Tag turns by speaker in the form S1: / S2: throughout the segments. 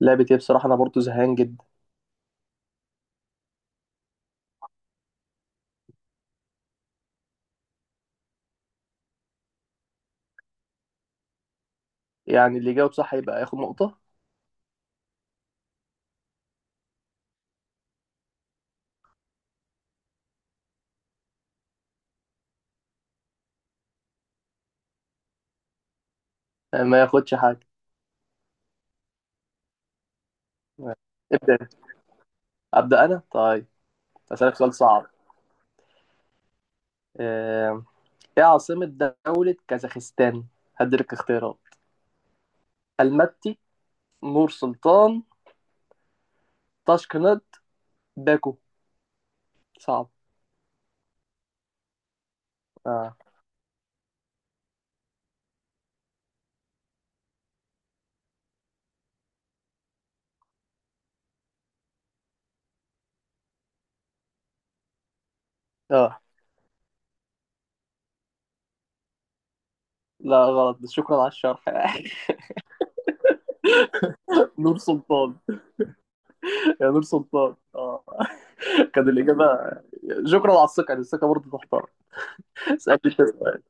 S1: لعبة ايه؟ بصراحة أنا برضو زهقان جدا. يعني اللي يجاوب صح يبقى ياخد نقطة. ما ياخدش حاجة. ابدأ. أبدأ أنا؟ طيب. أسألك سؤال صعب. آه، إيه عاصمة دولة كازاخستان؟ هديلك اختيارات: المتي، نور سلطان، طاشكند، باكو. صعب آه. آه، لا غلط، بس شكرا على الشرح. نور سلطان، يا نور سلطان آه. كان الإجابة. شكرا على الثقة، يعني الثقة برضه تحترم. اسألني أنت سؤال.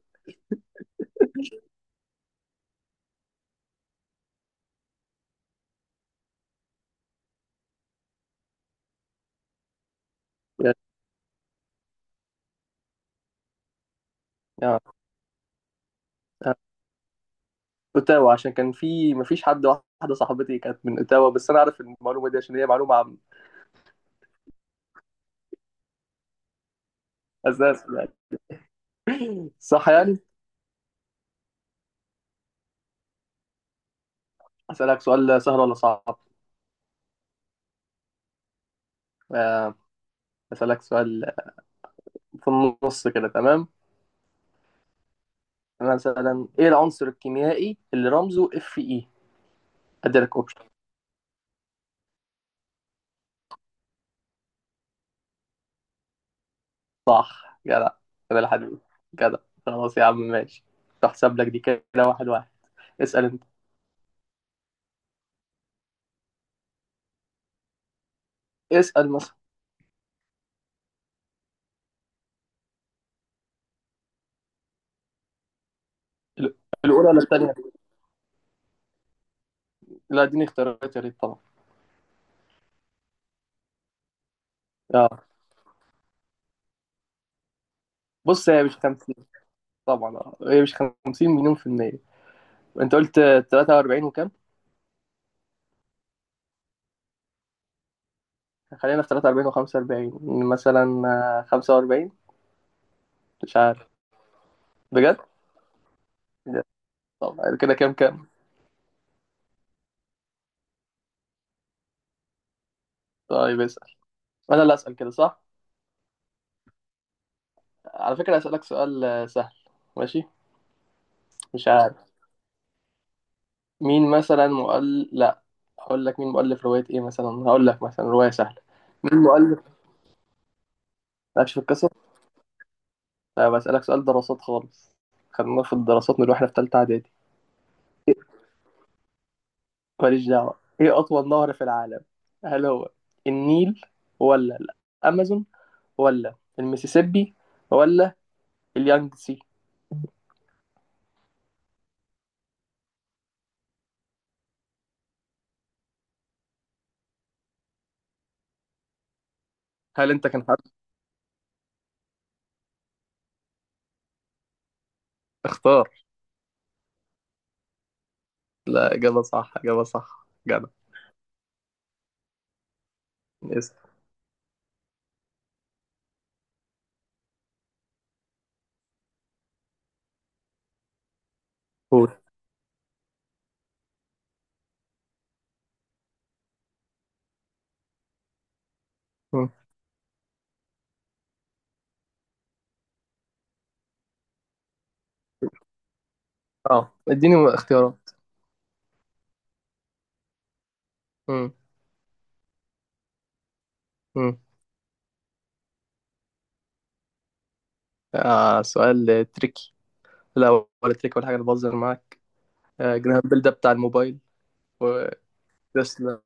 S1: يلا. آه. اوتاوا، عشان كان في مفيش حد، واحده صاحبتي كانت من اوتاوا، بس انا عارف المعلومه دي عشان هي معلومه عن. اساس يعني. صح يعني. اسالك سؤال سهل ولا صعب؟ آه، اسالك سؤال في النص كده، تمام؟ مثلا ايه العنصر الكيميائي اللي رمزه اف اي؟ اديلك اوبشن. صح جدع، كده الحديد. جدع. خلاص يا عم ماشي. تحسب لك دي كده. واحد واحد. اسال انت. اسال مثلا. ال- الاولى ولا الثانيه؟ لا اديني اختيارات يا ريت طبعا. اه بص، هي مش خمسة، طبعا. اه هي مش 50 مليون في المية. انت قلت 43 وكام؟ خلينا في 43 و45 مثلا. 45. مش عارف بجد. طب كده كام كام؟ طيب اسأل. انا اللي اسأل كده، صح؟ على فكرة، اسألك سؤال سهل. ماشي. مش عارف. مين مثلا لا، هقول لك. مين مؤلف رواية ايه مثلا؟ هقول لك مثلا رواية سهلة. مين مؤلف؟ مالكش في القصة؟ لا، بسألك سؤال دراسات خالص. خدناه في الدراسات من واحنا في تالتة اعدادي. ماليش دعوة. إيه أطول نهر في العالم؟ هل هو النيل، ولا الأمازون، ولا المسيسيبي، ولا اليانجسي؟ هل أنت كان حد اختار؟ لا إجابة صح، إجابة صح جدع. اسأل. قول. مم. أه إديني اختيارات. مم. مم. آه سؤال تريكي. لا ولا تريكي ولا حاجة، أنا بهزر معاك. آه جرام بيل ده بتاع الموبايل. وتسلا.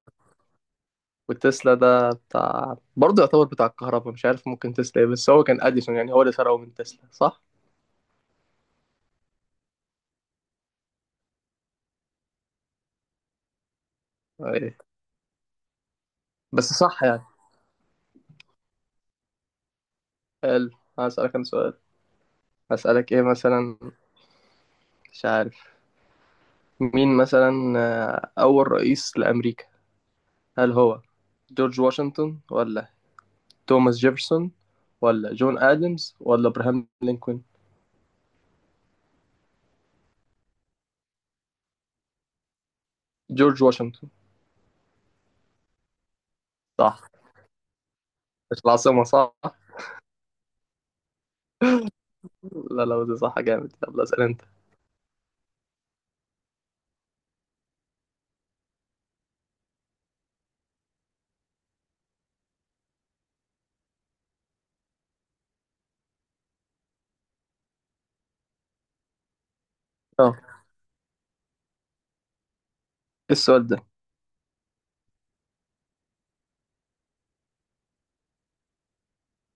S1: وتسلا ده بتاع برضه، يعتبر بتاع الكهرباء، مش عارف، ممكن تسلا إيه، بس هو كان أديسون، يعني هو اللي سرقه من تسلا صح؟ ايه. بس صح يعني. حلو. هسألك انا سؤال. هسألك ايه مثلا؟ مش عارف. مين مثلا، اول رئيس لامريكا؟ هل هو جورج واشنطن، ولا توماس جيفرسون، ولا جون ادمز، ولا ابراهام لينكولن؟ جورج واشنطن. صح. مش العاصمة صح؟ لا لا دي صح جامد. يلا اسأل انت. اه. إيه السؤال ده؟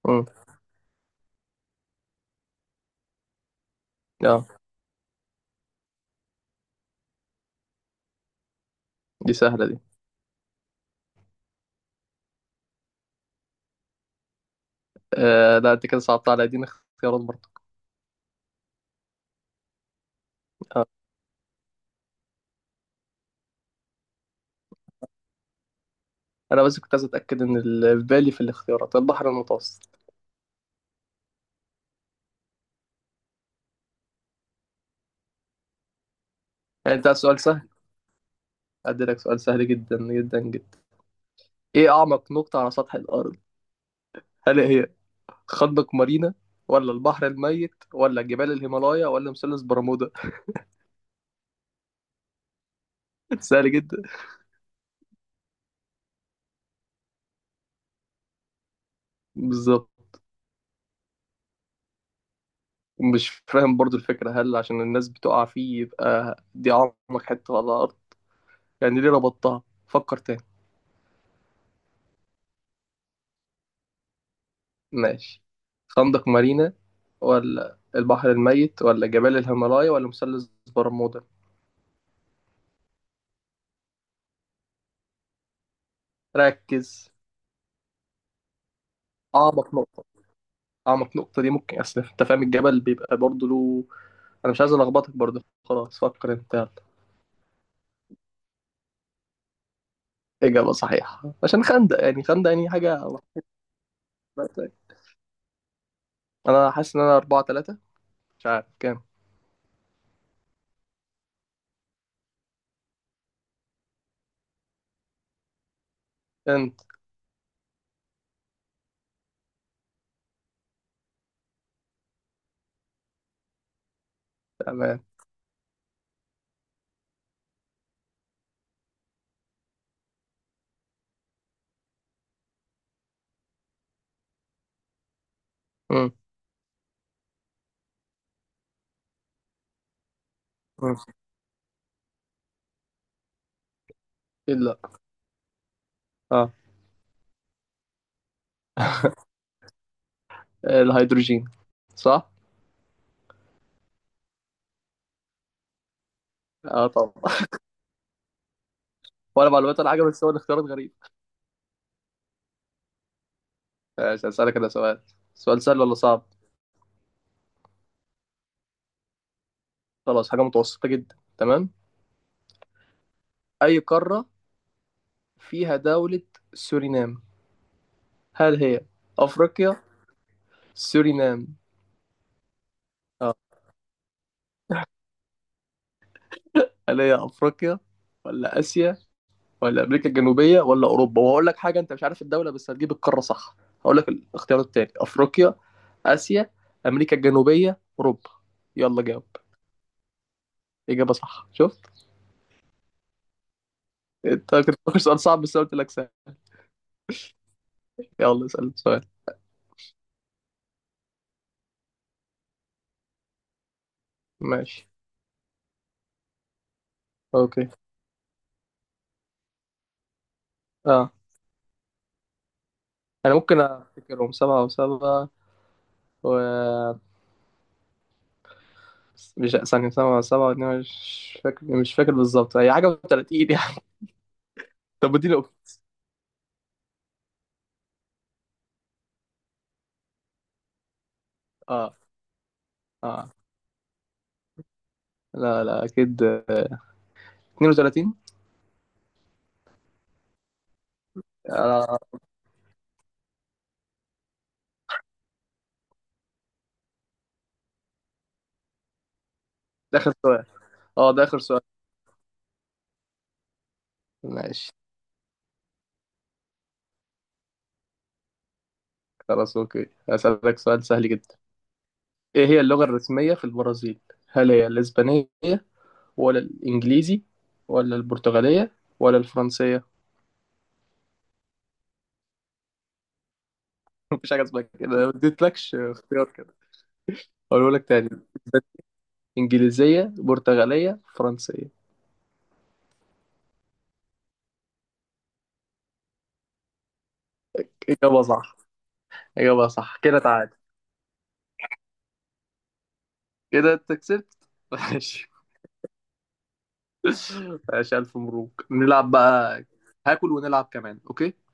S1: امم. اه دي سهلة دي. آه لا انت كده صعبت على دي، اختيارات برضه. انا بس كنت عايز اتاكد ان في بالي في الاختيارات البحر المتوسط. يعني انت عايز سؤال سهل؟ أديلك سؤال سهل جدا جدا جدا. إيه أعمق نقطة على سطح الأرض؟ هل هي خندق مارينا، ولا البحر الميت، ولا جبال الهيمالايا، ولا مثلث برمودا؟ سهل جدا. بالظبط. مش فاهم برضو الفكرة، هل عشان الناس بتقع فيه يبقى دي أعمق حتة على الأرض؟ يعني ليه ربطتها؟ فكر تاني. ماشي، خندق مارينا، ولا البحر الميت، ولا جبال الهيمالايا، ولا مثلث برمودا؟ ركز، أعمق نقطة. اعمق نقطه دي ممكن، اصل انت فاهم الجبل بيبقى برضه له. انا مش عايز الخبطك برضه، خلاص فكر انت يلا. اجابه صحيحه، عشان خندق يعني، خندق يعني حاجه. انا حاسس ان انا أربعة تلاتة، مش عارف كام. انت. تمام. امم. امم. ايه لا. اه. الهيدروجين. صح. اه طبعا. وانا معلوماتي الحاجه، بس هو الاختيارات غريب. ماشي هسألك انا سؤال. سؤال سهل ولا صعب؟ خلاص حاجه متوسطه جدا، تمام. اي قاره فيها دوله سورينام؟ هل هي افريقيا؟ سورينام اه. هل هي افريقيا، ولا اسيا، ولا امريكا الجنوبيه، ولا اوروبا؟ وهقول لك حاجه، انت مش عارف الدوله بس هتجيب القاره صح. هقول لك الاختيار التاني: افريقيا، اسيا، امريكا الجنوبيه، اوروبا. يلا جاوب. اجابه صح، شفت؟ انت كنت فاكر سؤال صعب بس أنا قلت لك سهل. يلا اسال سؤال. ماشي. اوكي. اه انا ممكن افتكرهم سبعة وسبعة و مش ثانية سبعة وسبعة واتنين، مش فاكر بالظبط، هي حاجة و30 يعني. طب اديني أوبشن. اه. اه لا لا اكيد. 32. آه. ده آخر سؤال؟ اه ده آخر سؤال. ماشي، خلاص. أوكي هسألك سؤال سهل جدا. إيه هي اللغة الرسمية في البرازيل؟ هل هي الإسبانية، ولا الإنجليزي، ولا البرتغالية، ولا الفرنسية؟ مفيش حاجة اسمها كده، أنا ما اديتلكش اختيار كده. أقوله لك تاني: إنجليزية، برتغالية، فرنسية. إجابة صح. إجابة صح، كده تعادل. كده أنت كسبت. ماشي. ماشي ألف مبروك. نلعب بقى؟ هاكل ونلعب كمان، أوكي؟